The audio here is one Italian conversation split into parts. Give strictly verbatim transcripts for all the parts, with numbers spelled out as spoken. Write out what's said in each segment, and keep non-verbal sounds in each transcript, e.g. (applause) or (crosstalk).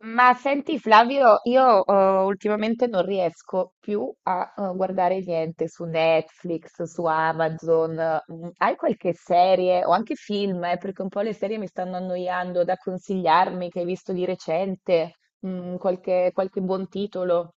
Ma senti Flavio, io eh, ultimamente non riesco più a eh, guardare niente su Netflix, su Amazon. Mm, hai qualche serie o anche film? Eh, perché un po' le serie mi stanno annoiando, da consigliarmi che hai visto di recente, mm, qualche, qualche buon titolo.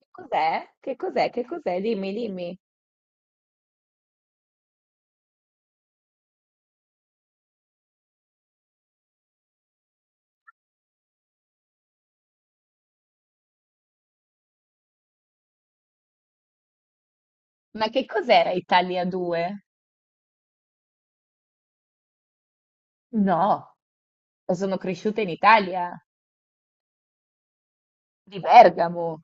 Che cos'è? Che cos'è? Che cos'è? Dimmi, dimmi. Ma che cos'era Italia due? No, sono cresciuta in Italia, di Bergamo.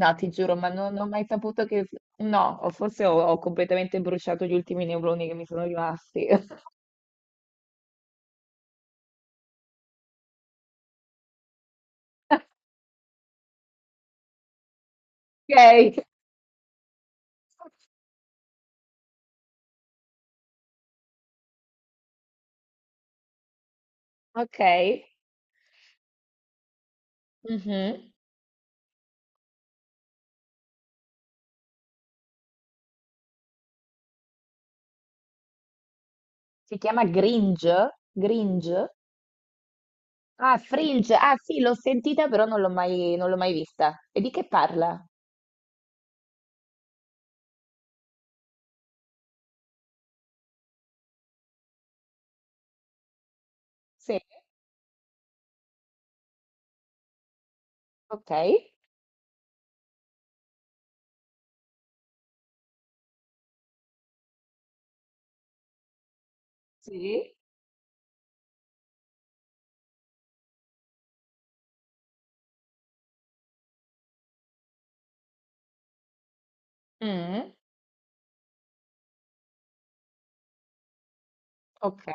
No, ti giuro, ma non ho mai saputo che... No, o forse ho, ho completamente bruciato gli ultimi neuroni che mi sono rimasti. (laughs) Ok, ok. Mhm. Si chiama Gringe? Gringe? Ah, Fringe. Ah, sì, l'ho sentita, però non l'ho mai, non l'ho mai vista. E di che parla? Sì. Ok. Sì. Mm. Ok.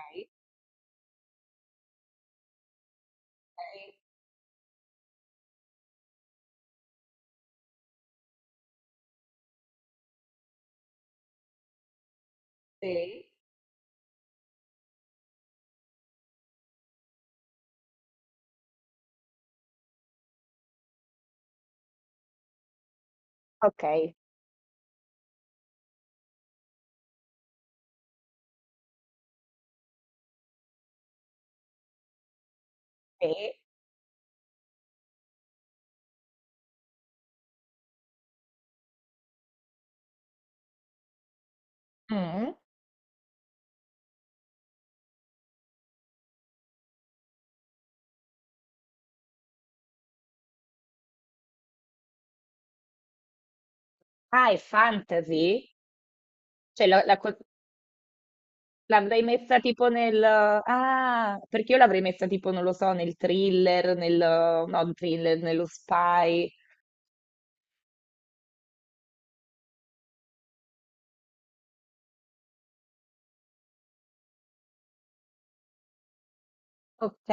Sì. Sì. Ok. Sì. Mm. Ah, è fantasy? Cioè, la, la, co- L'avrei messa tipo nel... Ah, perché io l'avrei messa tipo, non lo so, nel thriller, nel... no, il thriller, nello spy. Ok.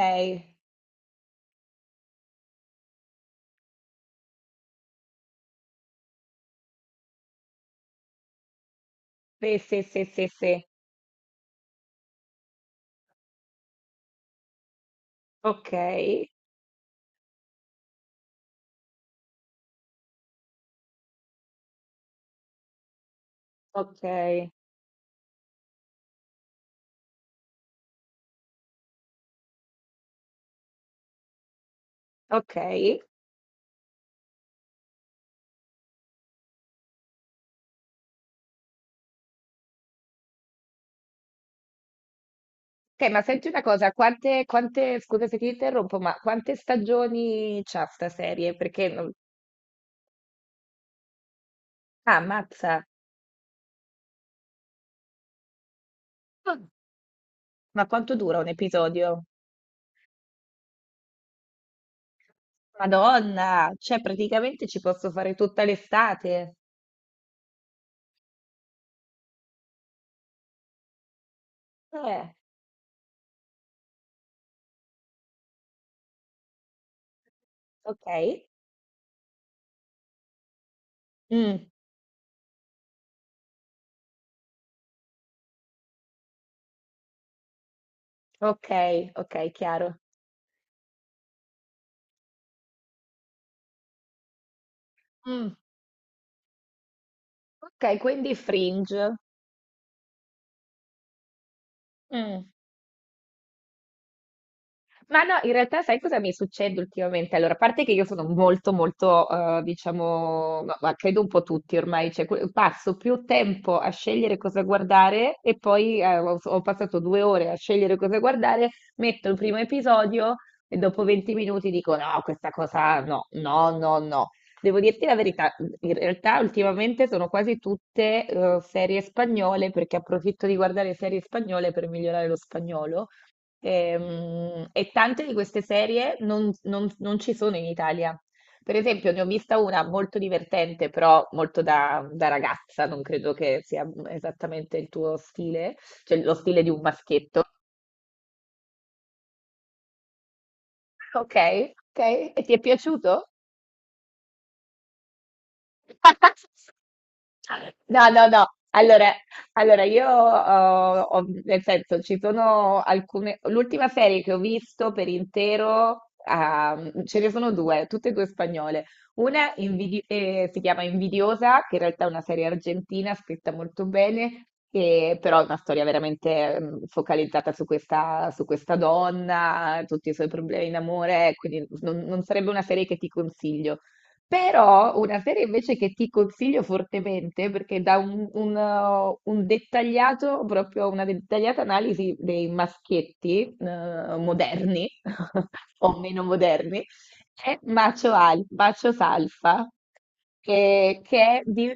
Sì, sì, sì, sì, sì. Ok, ok, ok. Ok, ma senti una cosa, quante, quante, scusa se ti interrompo, ma quante stagioni c'ha sta serie? Perché... non- Ah, ammazza. Ah, ma quanto dura un episodio? Madonna, cioè praticamente ci posso fare tutta l'estate. Eh, ok. Mm. Ok, ok, chiaro. Mm, ok, quindi Fringe. Mm. Ma no, in realtà sai cosa mi succede ultimamente? Allora, a parte che io sono molto, molto, eh, diciamo, ma, ma credo un po' tutti ormai, cioè, que- passo più tempo a scegliere cosa guardare e poi eh, ho, ho passato due ore a scegliere cosa guardare, metto il primo episodio e dopo venti minuti dico no, questa cosa no, no, no, no. Devo dirti la verità, in realtà ultimamente sono quasi tutte eh, serie spagnole perché approfitto di guardare serie spagnole per migliorare lo spagnolo. Ehm, E, tante di queste serie non, non- non ci sono in Italia. Per esempio, ne ho vista una molto divertente, però molto da, da ragazza, non credo che sia esattamente il tuo stile, cioè lo stile di un maschietto. Ok, ok, e ti è piaciuto? (laughs) No, no, no. Allora, allora io ho, ho- nel senso, ci sono alcune. L'ultima serie che ho visto per intero, ah, ce ne sono due, tutte e due spagnole. Una invidi- eh, si chiama Invidiosa, che in realtà è una serie argentina scritta molto bene, e però è una storia veramente mm, focalizzata su questa, su questa donna, tutti i suoi problemi in amore, quindi non non sarebbe una serie che ti consiglio. Però una serie invece che ti consiglio fortemente, perché dà un, un, eh, un dettagliato, proprio una dettagliata analisi dei maschietti eh, moderni (laughs) o meno moderni, è bacio, al- bacio salsa, che, che è, di-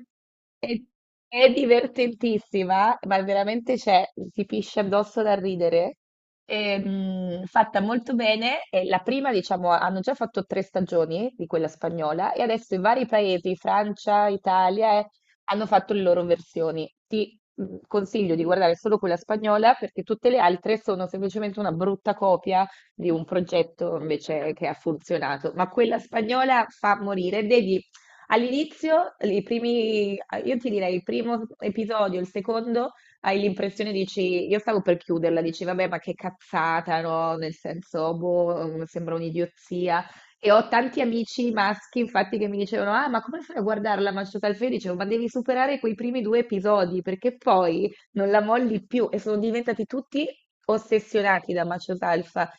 è- è divertentissima, ma veramente c'è, si pisce addosso da ridere. E, mh, fatta molto bene, e la prima, diciamo, hanno già fatto tre stagioni di quella spagnola e adesso i vari paesi, Francia, Italia, eh, hanno fatto le loro versioni. Ti mh, consiglio di guardare solo quella spagnola perché tutte le altre sono semplicemente una brutta copia di un progetto invece che ha funzionato, ma quella spagnola fa morire. Vedi, all'inizio, i primi, io ti direi il primo episodio, il secondo, hai l'impressione, dici, io stavo per chiuderla, dici, vabbè, ma che cazzata, no? Nel senso, boh, mm, sembra un'idiozia. E ho tanti amici maschi, infatti, che mi dicevano: ah, ma come fai a guardarla Manchester al Fede? Dicevo, ma devi superare quei primi due episodi perché poi non la molli più. E sono diventati tutti ossessionati da Macio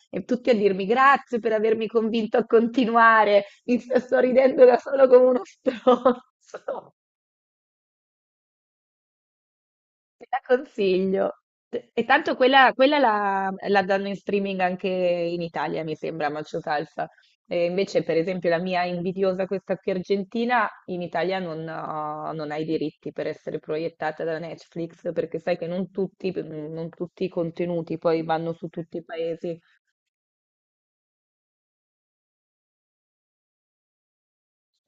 e tutti a dirmi grazie per avermi convinto a continuare, mi sto sto ridendo da solo come uno stronzo, (laughs) te la consiglio. E tanto quella, quella la, la danno in streaming anche in Italia, mi sembra, Macho Salsa. E invece, per esempio, la mia invidiosa, questa qui argentina, in Italia non, ha- non ha i diritti per essere proiettata da Netflix, perché sai che non tutti, non tutti i contenuti poi vanno su tutti i paesi.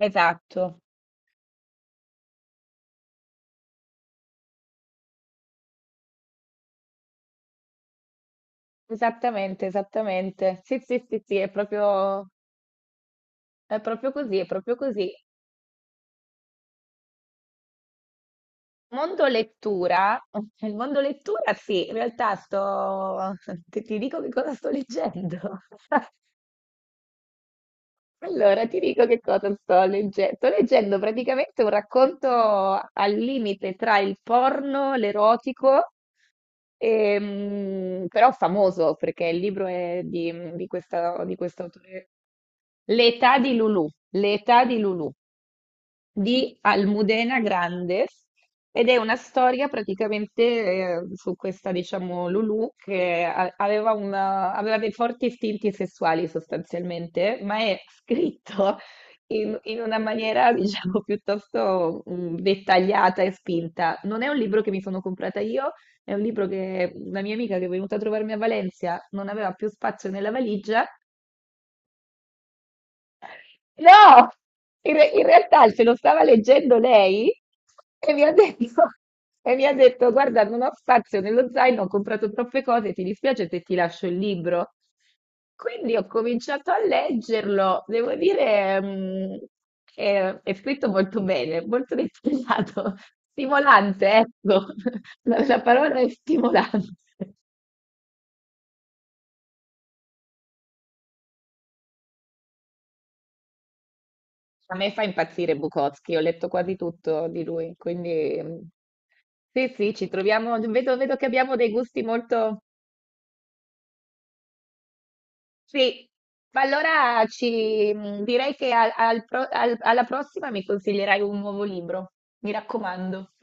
Esatto. Esattamente, esattamente. Sì, sì, sì, sì, è proprio, è proprio così, è proprio così. Mondo lettura, (laughs) il mondo lettura sì, in realtà sto, (laughs) ti, ti dico che cosa sto leggendo. (laughs) Allora, ti dico che cosa sto leggendo. Sto leggendo praticamente un racconto al limite tra il porno, l'erotico, ehm, però famoso perché il libro è di, di questa- di questo autore. L'età di Lulu. L'età di Lulu di Almudena Grandes ed è una storia praticamente eh, su questa, diciamo, Lulu che a- aveva, una- aveva dei forti istinti sessuali sostanzialmente, ma è scritto in, in una maniera, (laughs) diciamo, piuttosto mm, dettagliata e spinta. Non è un libro che mi sono comprata io, è un libro che una mia amica che è venuta a trovarmi a Valencia non aveva più spazio nella valigia. No, in re- in realtà se lo stava leggendo lei e mi ha detto, e mi ha detto, guarda, non ho spazio nello zaino, ho comprato troppe cose, ti dispiace se ti lascio il libro? Quindi ho cominciato a leggerlo, devo dire, mm, è, è scritto molto bene, molto dettagliato, (laughs) stimolante, ecco, (laughs) la, la parola è stimolante. A me fa impazzire Bukowski, ho letto quasi tutto di lui, quindi mm, sì, sì, ci troviamo, vedo, vedo che abbiamo dei gusti molto... Sì, ma allora ci, mm, direi che al- al pro- al- alla prossima mi consiglierai un nuovo libro, mi raccomando.